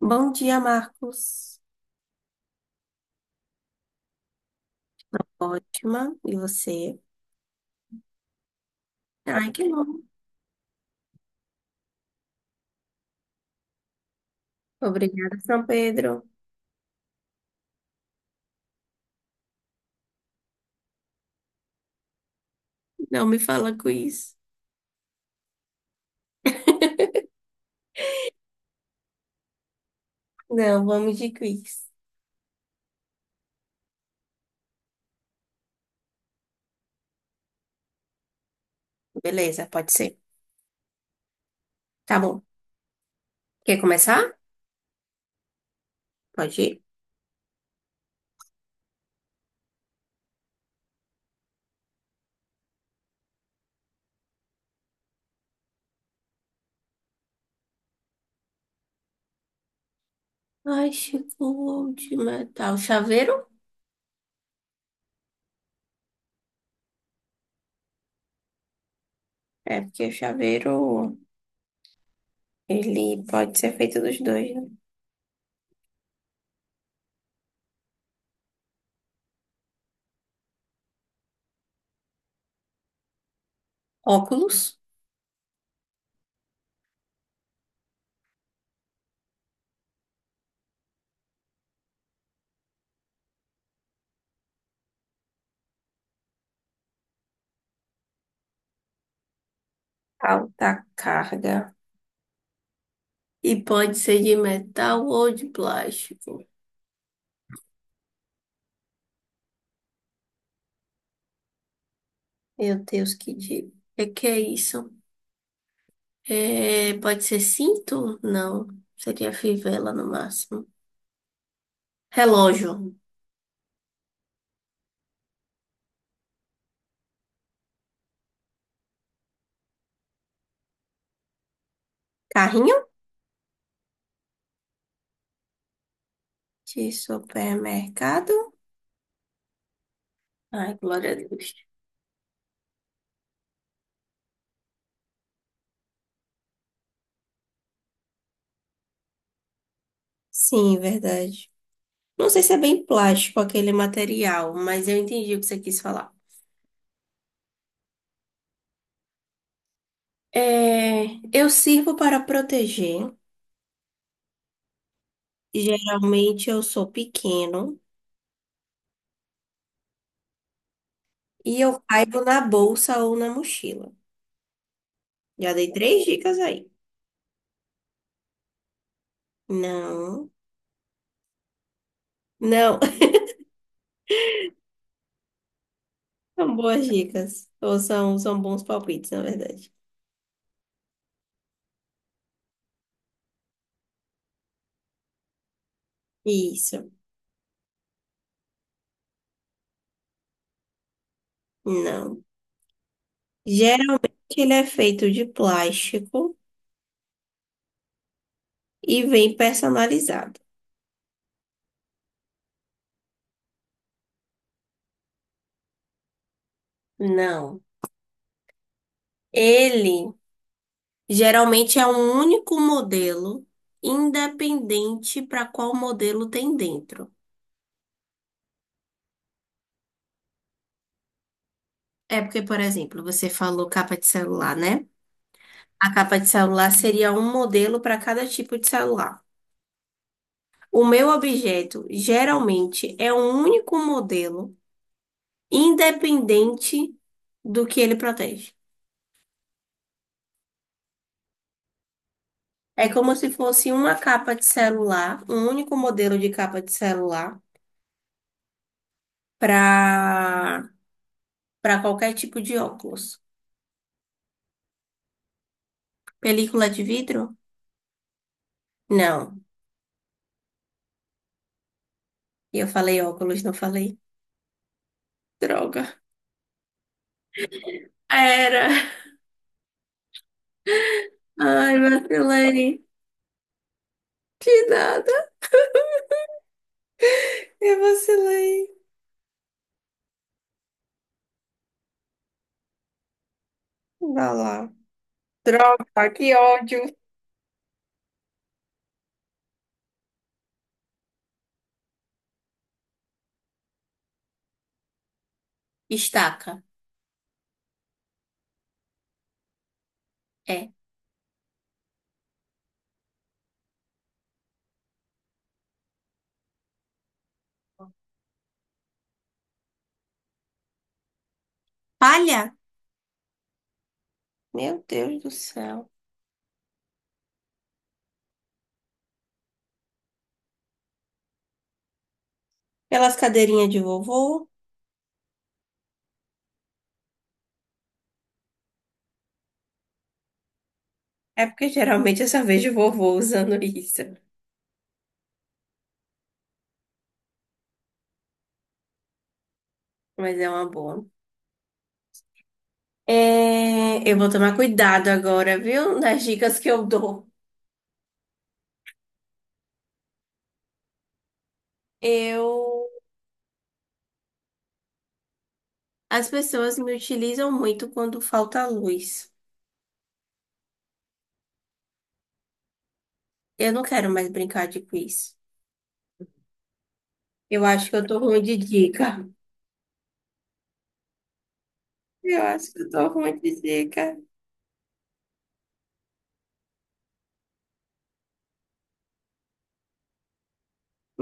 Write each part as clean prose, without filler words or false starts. Bom dia, Marcos. Ótima. E você? Ai, que bom. Obrigada, São Pedro. Não me fala quiz. Não, vamos de quiz. Beleza, pode ser. Tá bom. Quer começar? Pode ir. Ai, chegou de metal. Chaveiro? É, porque o chaveiro, ele pode ser feito dos dois, né? Óculos, alta carga. E pode ser de metal ou de plástico. Meu Deus, que dia. É que é isso? É, pode ser cinto? Não. Seria fivela no máximo. Relógio. Carrinho? De supermercado? Ai, glória a Deus. Sim, verdade. Não sei se é bem plástico aquele material, mas eu entendi o que você quis falar. É, eu sirvo para proteger. Geralmente eu sou pequeno e eu caibo na bolsa ou na mochila. Já dei três dicas aí. Não. Não, são boas dicas. Ou são, são bons palpites, na verdade. Isso. Não. Geralmente ele é feito de plástico e vem personalizado. Não. Ele geralmente é um único modelo, independente para qual modelo tem dentro. É porque, por exemplo, você falou capa de celular, né? A capa de celular seria um modelo para cada tipo de celular. O meu objeto geralmente é um único modelo independente do que ele protege. É como se fosse uma capa de celular, um único modelo de capa de celular para qualquer tipo de óculos. Película de vidro? Não. Eu falei óculos, não falei. Droga. Era. Ai, vacilei. De nada. Eu vacilei. Vai lá. Droga, que ódio. Estaca. É. Palha? Meu Deus do céu. Pelas cadeirinhas de vovô. É porque geralmente eu só vejo vovô usando isso. Mas é uma boa. É, eu vou tomar cuidado agora, viu? Nas dicas que eu dou. Eu. As pessoas me utilizam muito quando falta luz. Eu não quero mais brincar de quiz. Eu acho que eu tô ruim de dica. Eu acho que eu tô ruim de dica.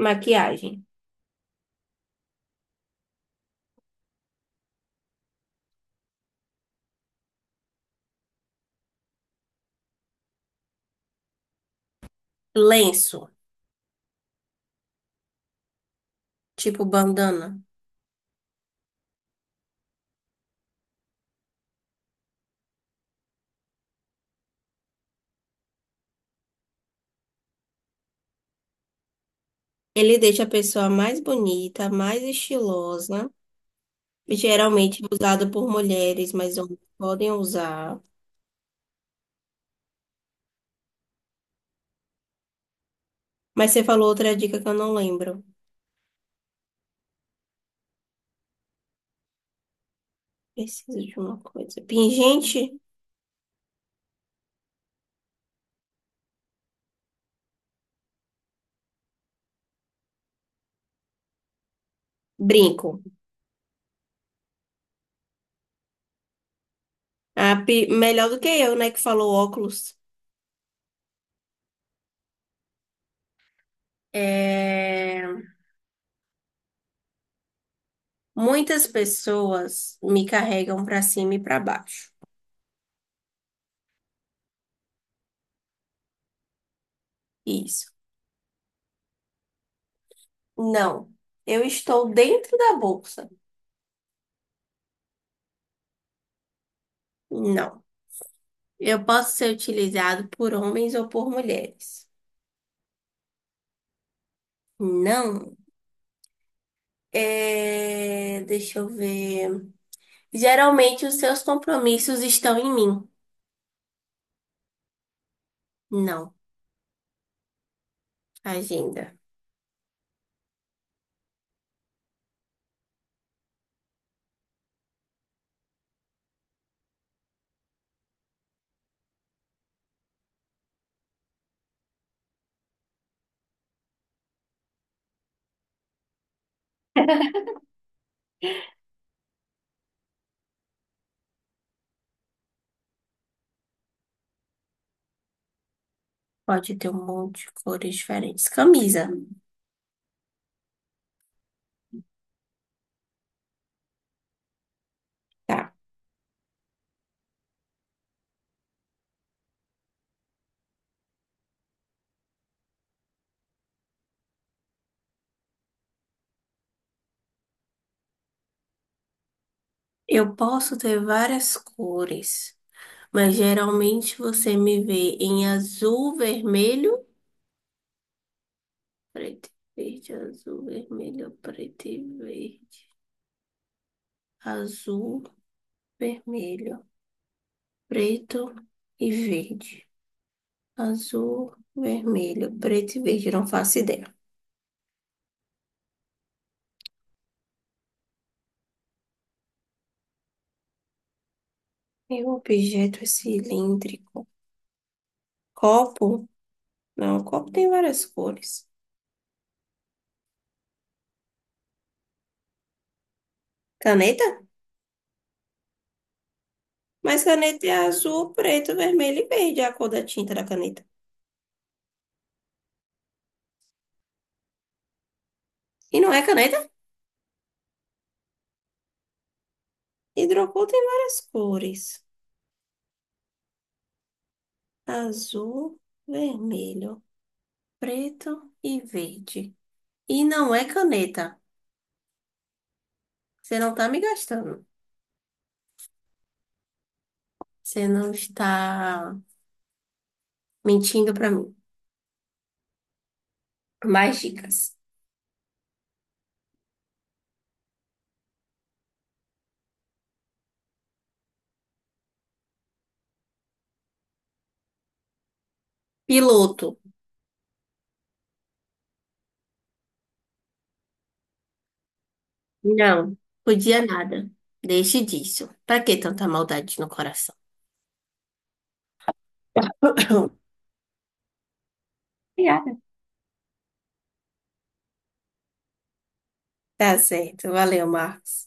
Maquiagem. Lenço, tipo bandana. Ele deixa a pessoa mais bonita, mais estilosa. Geralmente usado por mulheres, mas homens podem usar. Mas você falou outra dica que eu não lembro. Preciso de uma coisa. Pingente, brinco. Ah, pi- melhor do que eu, né, que falou óculos. É, muitas pessoas me carregam para cima e para baixo. Isso. Não. Eu estou dentro da bolsa. Não. Eu posso ser utilizado por homens ou por mulheres. Não. É, deixa eu ver. Geralmente os seus compromissos estão em mim. Não. Agenda. Pode ter um monte de cores diferentes. Camisa. Tá. Eu posso ter várias cores, mas geralmente você me vê em azul, vermelho, preto e verde, azul, vermelho, preto e verde. Azul, vermelho, preto e verde. Azul, vermelho, preto e verde. Não faço ideia. Meu objeto é cilíndrico. Copo? Não, o copo tem várias cores. Caneta? Mas caneta é azul, preto, vermelho e verde, é a cor da tinta da caneta. E não é caneta? Hidrocor tem várias cores. Azul, vermelho, preto e verde. E não é caneta. Você não tá me gastando. Você não está mentindo pra mim. Mais dicas. Piloto. Não, podia nada. Deixe disso. Pra que tanta maldade no coração? E tá certo. Valeu, Marcos.